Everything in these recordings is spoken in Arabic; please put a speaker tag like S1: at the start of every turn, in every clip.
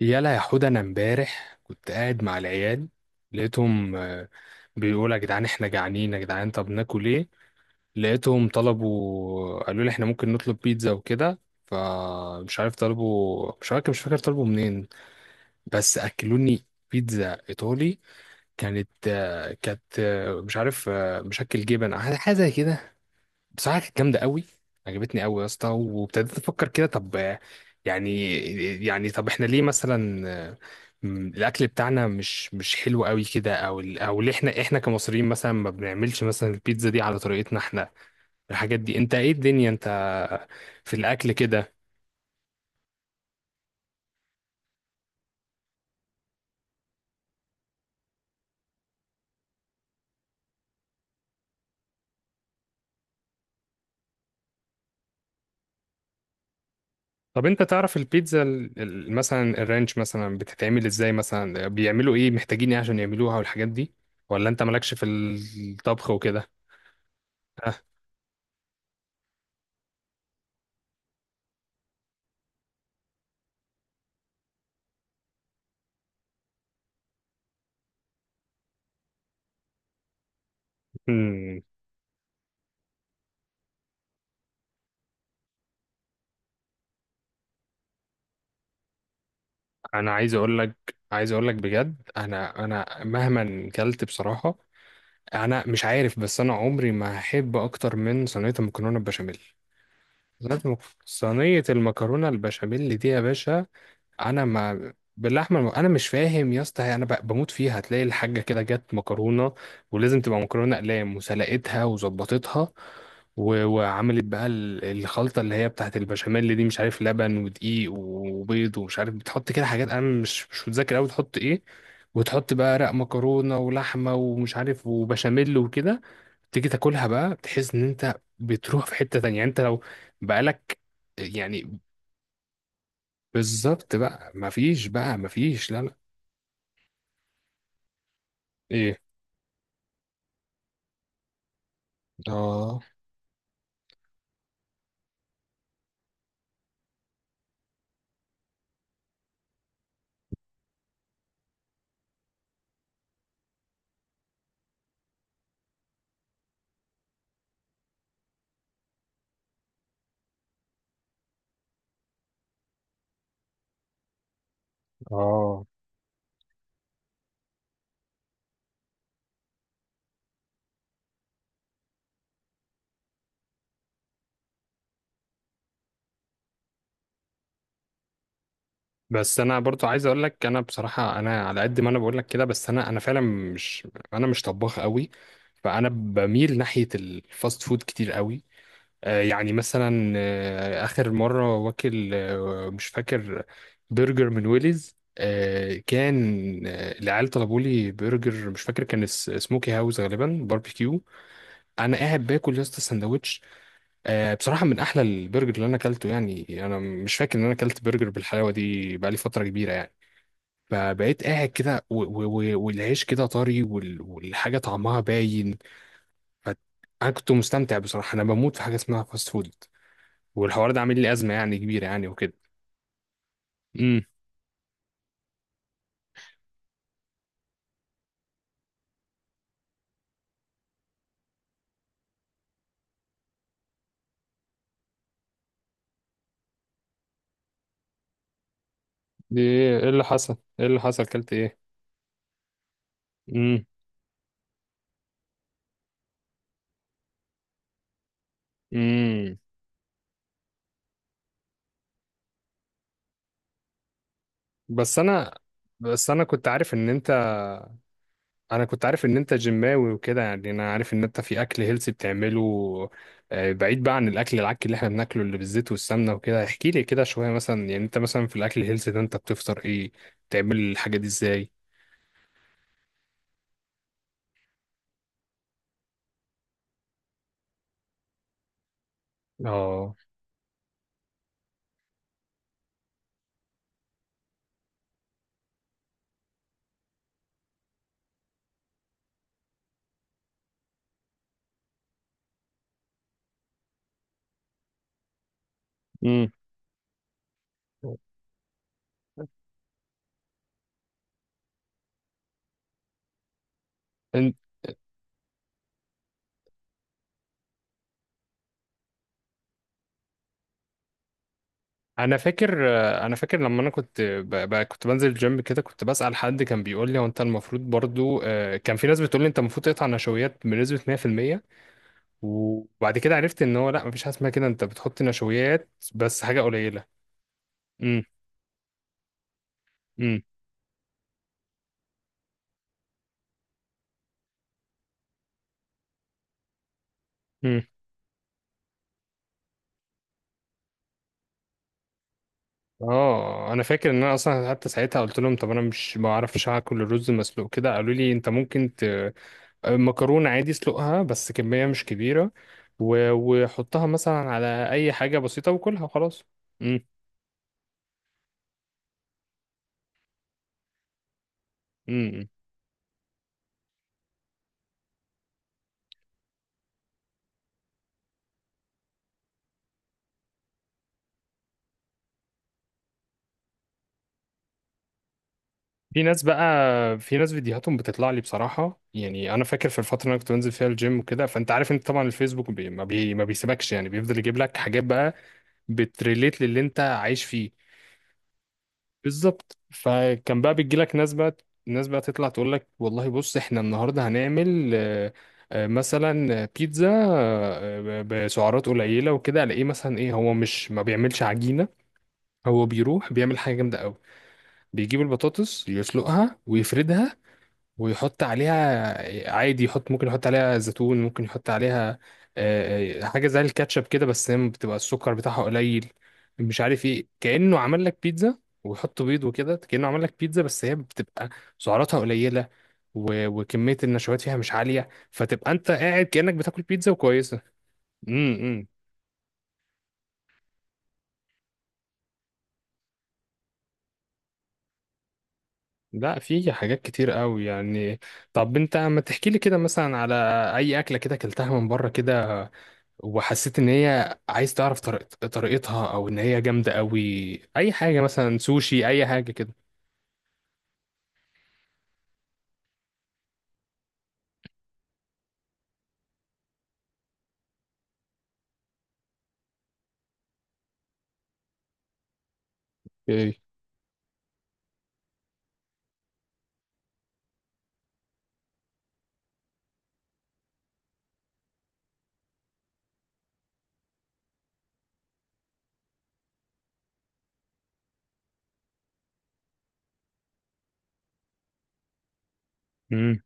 S1: يلا يا حود، انا امبارح كنت قاعد مع العيال. لقيتهم بيقولوا يا جدعان احنا جعانين، يا جدعان طب ناكل ايه؟ لقيتهم طلبوا، قالوا لي احنا ممكن نطلب بيتزا وكده. فمش عارف طلبوا، مش عارف، مش فاكر طلبوا منين، بس اكلوني بيتزا ايطالي. كانت مش عارف، مشكل جبن، حاجة زي كده. بصراحة كانت جامدة قوي، عجبتني قوي يا اسطى. وابتديت افكر كده، طب، يعني، طب احنا ليه مثلا آه، الاكل بتاعنا مش حلو قوي كده؟ او او ليه احنا كمصريين مثلا ما بنعملش مثلا البيتزا دي على طريقتنا احنا؟ الحاجات دي، انت ايه الدنيا انت في الاكل كده؟ طب انت تعرف البيتزا مثلا الرانش مثلا بتتعمل ازاي؟ مثلا بيعملوا ايه؟ محتاجين ايه عشان يعملوها والحاجات دي؟ ولا انت مالكش في الطبخ وكده؟ انا عايز اقول لك، بجد انا، مهما كلت بصراحه، انا مش عارف، بس انا عمري ما هحب اكتر من صينيه المكرونه البشاميل. صينيه المك- صينية المكرونه البشاميل دي يا باشا، انا ما باللحمه انا مش فاهم يا اسطى، انا بموت فيها. هتلاقي الحاجه كده جت مكرونه، ولازم تبقى مكرونه اقلام، وسلقتها وظبطتها، وعملت بقى الخلطه اللي هي بتاعت البشاميل اللي دي، مش عارف، لبن ودقيق وبيض ومش عارف، بتحط كده حاجات، انا مش متذكر قوي تحط ايه. وتحط بقى رق مكرونه ولحمه ومش عارف وبشاميل وكده. تيجي تاكلها بقى، تحس ان انت بتروح في حته تانية، يعني انت لو بقالك، يعني، بالظبط. بقى مفيش، بقى مفيش، لا لا. ايه؟ اه، اه. بس انا برضو عايز اقول لك، انا بصراحه، انا على قد ما انا بقول لك كده، بس انا فعلا مش، انا مش طباخ قوي. فانا بميل ناحيه الفاست فود كتير قوي. يعني مثلا اخر مره واكل مش فاكر، برجر من ويليز. كان، العيال طلبوا لي برجر، مش فاكر كان سموكي هاوس غالبا، باربيكيو. انا قاعد باكل يا اسطى السندوتش، بصراحة من أحلى البرجر اللي أنا أكلته. يعني أنا مش فاكر إن أنا أكلت برجر بالحلاوة دي بقالي فترة كبيرة يعني. فبقيت قاعد كده والعيش كده طري، والحاجة طعمها باين. ف- أنا كنت مستمتع بصراحة، أنا بموت في حاجة اسمها فاست فود، والحوار ده عامل لي أزمة يعني كبيرة يعني وكده. امم. دي إيه اللي حصل؟ إيه اللي حصل؟ أكلت إيه؟ امم. امم. بس أنا، كنت عارف إن أنت، انا كنت عارف ان انت جيماوي وكده، يعني انا عارف ان انت في اكل هيلثي بتعمله. بعيد بقى عن الاكل العك اللي احنا بناكله، اللي بالزيت والسمنه وكده، احكي لي كده شويه مثلا. يعني انت مثلا في الاكل الهيلثي ده انت بتفطر ايه؟ بتعمل الحاجه دي ازاي؟ اه. امم. إن- انا فاكر، لما انا كنت كنت بنزل الجيم كده، كنت بسأل حد، كان بيقول لي، هو انت المفروض برضو، كان في ناس بتقول لي انت المفروض تقطع نشويات بنسبه 100%. وبعد كده عرفت ان هو لا، مفيش حاجه اسمها كده، انت بتحط نشويات بس حاجه قليله. امم. امم. امم. اه. انا فاكر ان انا اصلا حتى ساعتها قلت لهم، طب انا مش، ما اعرفش اكل الرز مسلوق كده، قالوا لي انت ممكن ت... آه، مكرونه عادي اسلقها بس كميه مش كبيره، وحطها مثلا على اي حاجه بسيطه وكلها وخلاص. امم. امم. في ناس بقى في ناس فيديوهاتهم بتطلع لي بصراحة، يعني أنا فاكر في الفترة اللي أنا كنت بنزل فيها الجيم وكده، فأنت عارف، أنت طبعا الفيسبوك، بي ما بيسيبكش، يعني بيفضل يجيب لك حاجات بقى بتريليت للي أنت عايش فيه. بالظبط. فكان بقى بيجي لك ناس بقى تطلع تقول لك، والله بص إحنا النهاردة هنعمل، مثلا بيتزا، بسعرات قليلة وكده. ألاقيه مثلا، إيه، هو مش ما بيعملش عجينة، هو بيروح بيعمل حاجة جامدة أوي، بيجيب البطاطس يسلقها ويفردها، ويحط عليها عادي، يحط، ممكن يحط عليها زيتون، ممكن يحط عليها حاجة زي الكاتشب كده، بس هي بتبقى السكر بتاعها قليل، مش عارف ايه، كأنه عمل لك بيتزا. ويحط بيض وكده، كأنه عمل لك بيتزا، بس هي بتبقى سعراتها قليلة، وكمية النشويات فيها مش عالية، فتبقى انت قاعد كأنك بتاكل بيتزا وكويسة. امم. امم. لا، في حاجات كتير قوي يعني. طب انت ما تحكي لي كده مثلا على اي اكلة كده اكلتها من بره كده، وحسيت ان هي، عايز تعرف طريقتها، او ان هي جامده قوي. اي حاجه، مثلا سوشي، اي حاجه كده. اوكي. مم.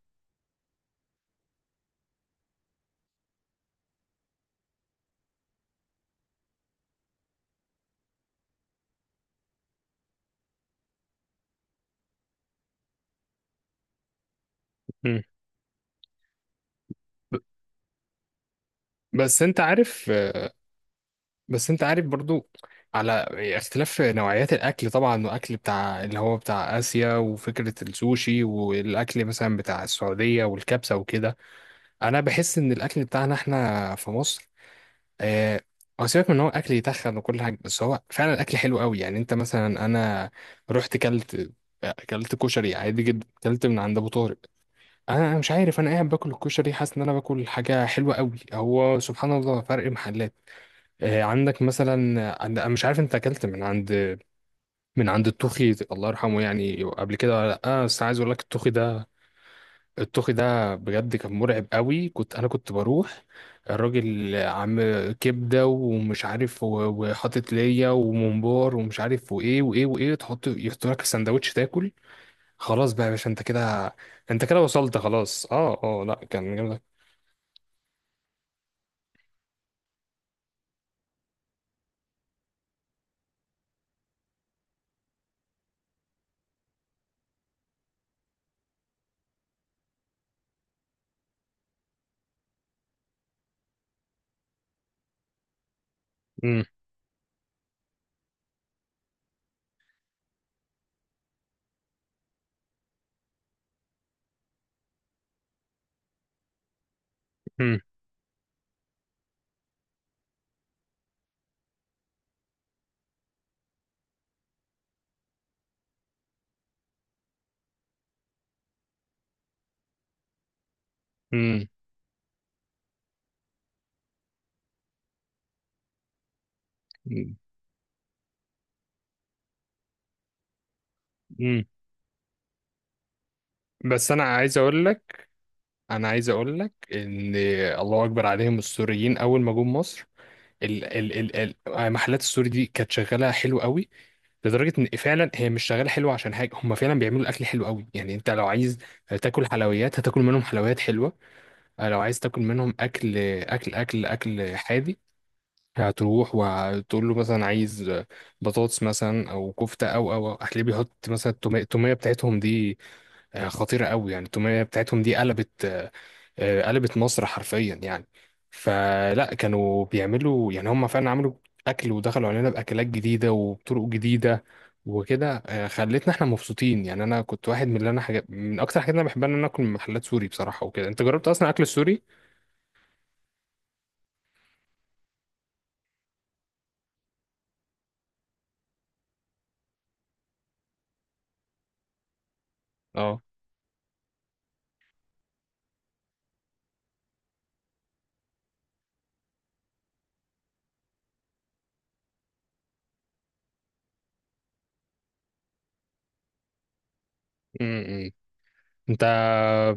S1: مم. ب- بس انت عارف، برضو، على اختلاف نوعيات الاكل طبعا، واكل بتاع اللي هو بتاع اسيا وفكره السوشي، والاكل مثلا بتاع السعوديه والكبسه وكده، انا بحس ان الاكل بتاعنا احنا في مصر، آه، هو سيبك من ان هو اكل يتخن وكل حاجه، بس هو فعلا الاكل حلو قوي. يعني انت مثلا، انا رحت كلت، كشري عادي جدا، كلت من عند ابو طارق، انا، مش عارف، انا قاعد باكل الكشري حاسس ان انا باكل حاجه حلوه قوي. هو سبحان الله فرق محلات. عندك مثلا عند، مش عارف انت اكلت من عند التوخي الله يرحمه يعني قبل كده ولا لا؟ بس عايز اقول لك التوخي ده، الطوخي ده بجد كان مرعب قوي. كنت بروح، الراجل عم كبده ومش عارف، وحاطط ليا وممبار ومش عارف وايه وايه وايه، يحط لك السندوتش تاكل. خلاص بقى يا باشا، انت كده وصلت، خلاص. اه. اه. لا كان جامد. أمم. أمم. أمم. أمم. بس انا عايز اقول لك، ان، الله اكبر عليهم السوريين اول ما جم مصر، ال ال ال محلات السوري دي كانت شغاله حلو قوي، لدرجه ان، فعلا هي مش شغاله حلوه عشان حاجه، هم فعلا بيعملوا الاكل حلو قوي. يعني انت لو عايز تاكل حلويات هتاكل منهم حلويات حلوه، لو عايز تاكل منهم اكل، حادي، هتروح وتقول له مثلا عايز بطاطس مثلا او كفته، او. هتلاقيه بيحط مثلا التومية بتاعتهم دي، خطيرة قوي، يعني التومية بتاعتهم دي قلبت، قلبت مصر حرفيا يعني. فلا، كانوا بيعملوا، يعني هم فعلا عملوا أكل، ودخلوا علينا بأكلات جديدة وبطرق جديدة وكده، خلتنا احنا مبسوطين يعني. انا كنت واحد من اللي انا، حاجة من اكتر حاجات انا بحبها ان انا اكل من محلات سوري بصراحة وكده. انت جربت اصلا اكل السوري؟ اه. م- م. انت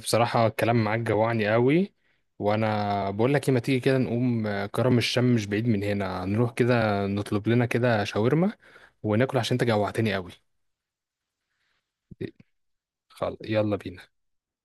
S1: بصراحة الكلام معاك جوعني قوي، وانا بقول لك ايه، ما تيجي كده نقوم، كرم الشام مش بعيد من هنا، نروح كده نطلب لنا كده شاورما وناكل، عشان انت جوعتني قوي. خلاص، يلا بينا.